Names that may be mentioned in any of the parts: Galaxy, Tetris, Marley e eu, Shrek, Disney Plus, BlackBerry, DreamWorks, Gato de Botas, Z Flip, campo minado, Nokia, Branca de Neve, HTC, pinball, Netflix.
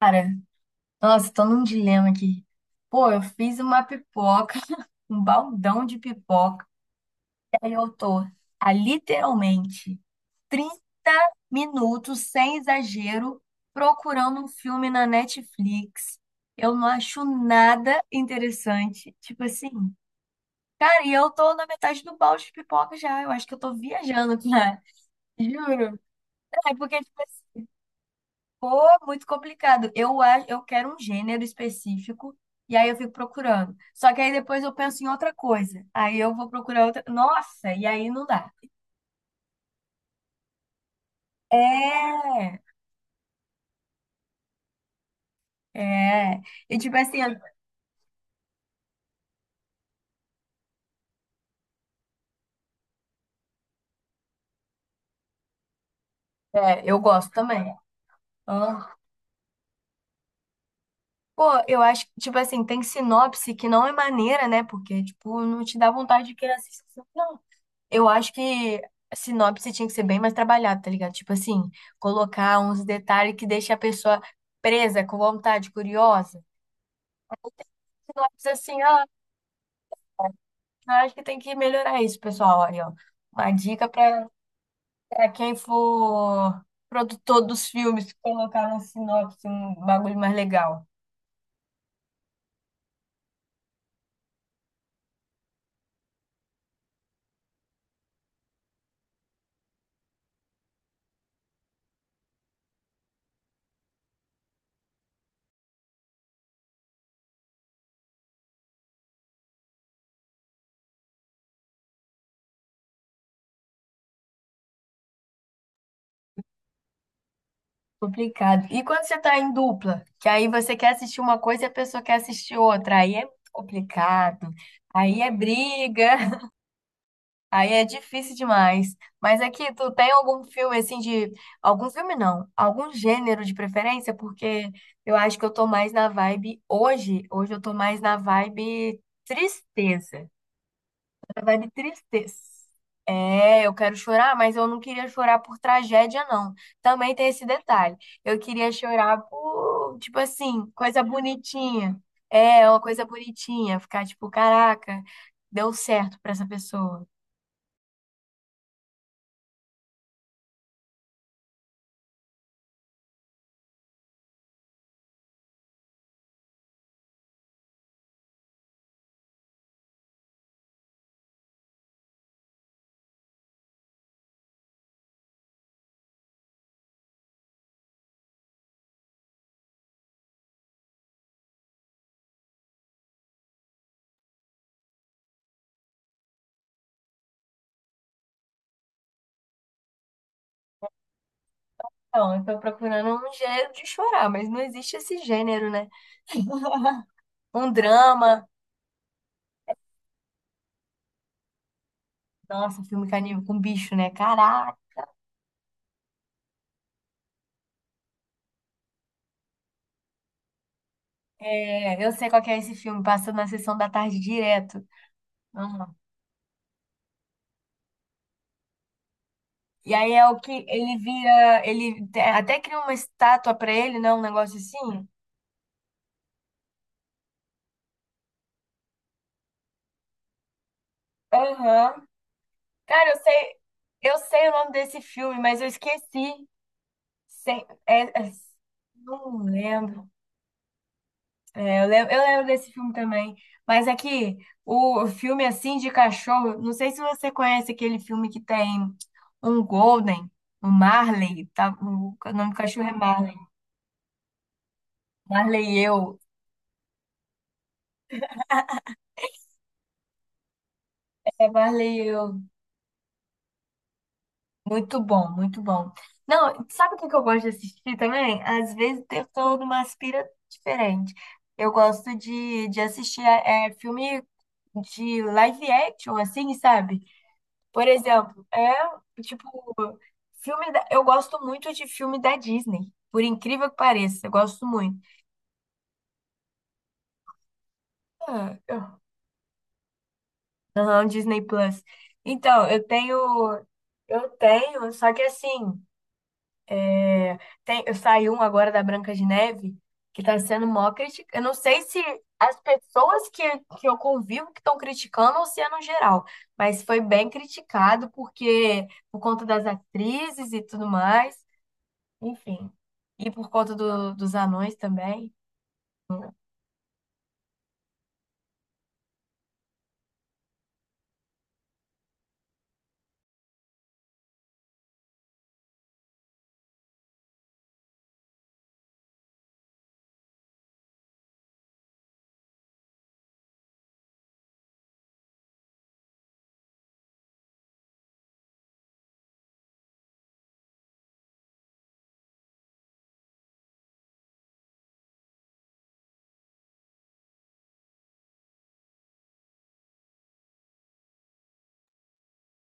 Cara, nossa, tô num dilema aqui. Pô, eu fiz uma pipoca, um baldão de pipoca, e aí eu tô há literalmente 30 minutos, sem exagero, procurando um filme na Netflix. Eu não acho nada interessante. Tipo assim, cara, e eu tô na metade do balde de pipoca já. Eu acho que eu tô viajando, cara. Juro. É porque, tipo. Pô, muito complicado. Eu quero um gênero específico e aí eu fico procurando. Só que aí depois eu penso em outra coisa. Aí eu vou procurar outra. Nossa, e aí não dá. É, é. E tipo assim, é, eu gosto também. Ah. Pô, eu acho que, tipo assim, tem sinopse que não é maneira, né? Porque, tipo, não te dá vontade de querer assistir. Não. Eu acho que a sinopse tinha que ser bem mais trabalhada, tá ligado? Tipo assim, colocar uns detalhes que deixa a pessoa presa, com vontade, curiosa. Sinopse assim, ah, eu acho que tem que melhorar isso, pessoal. Aí, ó, uma dica pra quem for produtor dos filmes, colocar na sinopse um bagulho mais legal. Complicado. E quando você tá em dupla, que aí você quer assistir uma coisa e a pessoa quer assistir outra, aí é complicado. Aí é briga. Aí é difícil demais. Mas aqui, tu tem algum filme assim de. Algum filme não, algum gênero de preferência? Porque eu acho que eu tô mais na vibe hoje. Hoje eu tô mais na vibe tristeza. Na vibe tristeza. É, eu quero chorar, mas eu não queria chorar por tragédia, não. Também tem esse detalhe. Eu queria chorar por, tipo assim, coisa bonitinha. É, uma coisa bonitinha. Ficar tipo, caraca, deu certo pra essa pessoa. Então, eu tô procurando um gênero de chorar, mas não existe esse gênero, né? Um drama. Nossa, filme caníbal com bicho, né? Caraca. É, eu sei qual que é esse filme, passa na sessão da tarde direto. Uhum. E aí é o que ele vira, ele te- até cria uma estátua pra ele, né? Um negócio assim. Aham. Cara, eu sei o nome desse filme, mas eu esqueci. Sei- é- é- não lembro. É, eu lembro desse filme também. Mas aqui, o filme assim de cachorro, não sei se você conhece aquele filme que tem um Golden, um Marley, tá, o, nome do cachorro é Marley. Marley e eu. É Marley e eu. Muito bom, muito bom. Não, sabe o que que eu gosto de assistir também? Às vezes tentando uma aspira diferente. Eu gosto de assistir é, é filme de live action, assim, sabe? Por exemplo, é. Tipo, filme da- Eu gosto muito de filme da Disney, por incrível que pareça, eu gosto muito. Ah, eu- Aham, Disney Plus. Então, eu tenho, só que assim, tem, eu saí um agora da Branca de Neve, que tá sendo mó criticado. Eu não sei se as pessoas que eu convivo que estão criticando ou se é no geral, mas foi bem criticado porque por conta das atrizes e tudo mais, enfim, e por conta do- dos anões também.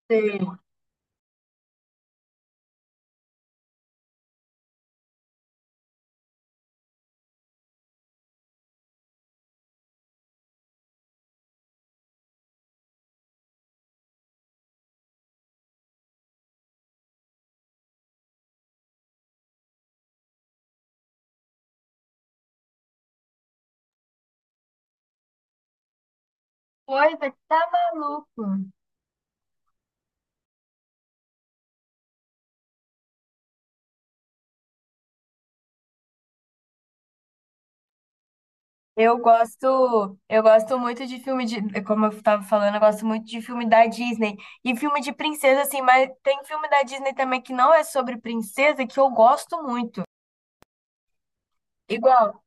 Sei. Coisa que tá maluco. Eu gosto muito de filme de, como eu tava falando, eu gosto muito de filme da Disney e filme de princesa assim, mas tem filme da Disney também que não é sobre princesa que eu gosto muito. Igual.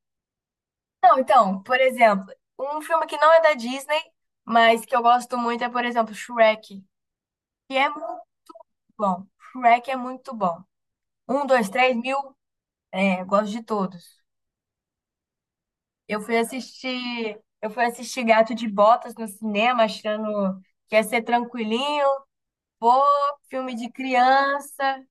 Não, então, por exemplo, um filme que não é da Disney, mas que eu gosto muito é, por exemplo, Shrek, que é muito bom. Shrek é muito bom. Um, dois, três, mil, é, gosto de todos. Eu fui assistir Gato de Botas no cinema, achando que ia ser tranquilinho, pô, filme de criança,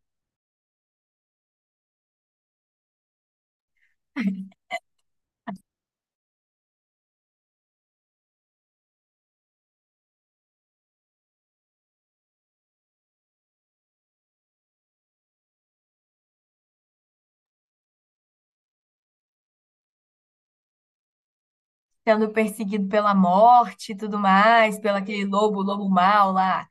sendo perseguido pela morte e tudo mais, pelo aquele lobo, lobo mau lá.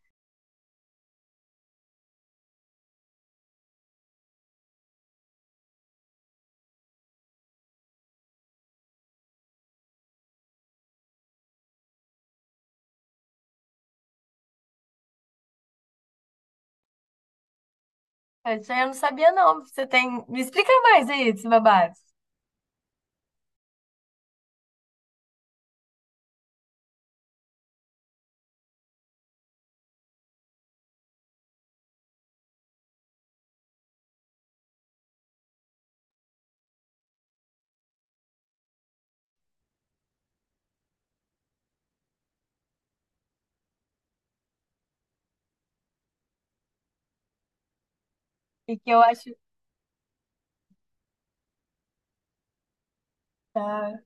Isso aí eu não sabia, não. Você tem. Me explica mais aí desse babado. E que eu acho. Tá,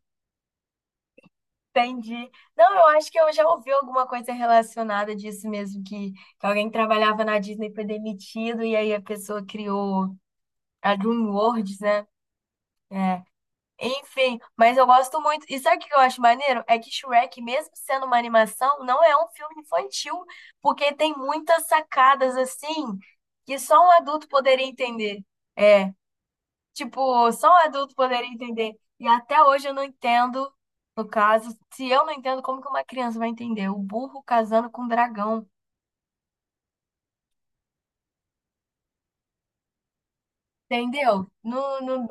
entendi. Não, eu acho que eu já ouvi alguma coisa relacionada disso mesmo, que alguém trabalhava na Disney foi demitido, e aí a pessoa criou a DreamWorks, né? É, enfim, mas eu gosto muito. E sabe o que eu acho maneiro? É que Shrek, mesmo sendo uma animação, não é um filme infantil, porque tem muitas sacadas assim que só um adulto poderia entender. É, tipo, só um adulto poderia entender. E até hoje eu não entendo, no caso, se eu não entendo, como que uma criança vai entender? O burro casando com o dragão, entendeu? Não.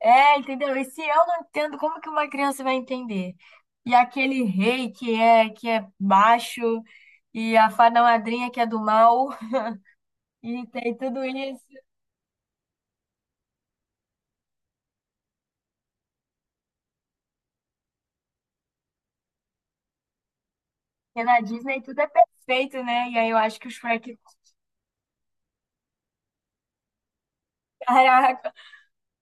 É, entendeu? E se eu não entendo, como que uma criança vai entender? E aquele rei que é baixo e a fada madrinha que é do mal e tem tudo isso. Porque na Disney tudo é perfeito, né? E aí eu acho que o Shrek, caraca,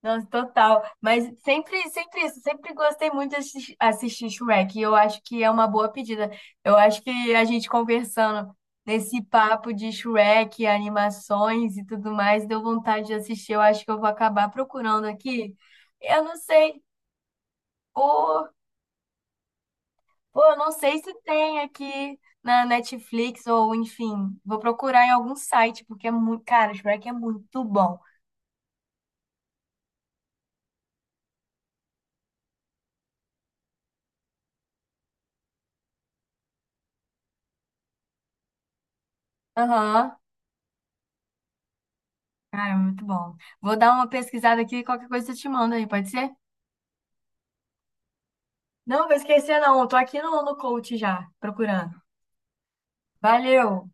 nossa, total. Mas sempre isso, sempre gostei muito de assis- assistir Shrek. E eu acho que é uma boa pedida. Eu acho que a gente conversando nesse papo de Shrek, animações e tudo mais, deu vontade de assistir. Eu acho que eu vou acabar procurando aqui. Eu não sei, ou, pô, eu não sei se tem aqui na Netflix ou enfim, vou procurar em algum site, porque é muito, cara, Shrek é muito bom. Aham. Cara, muito bom. Vou dar uma pesquisada aqui, e qualquer coisa eu te mando aí, pode ser? Não, vou esquecer não, tô aqui no coach já, procurando. Valeu!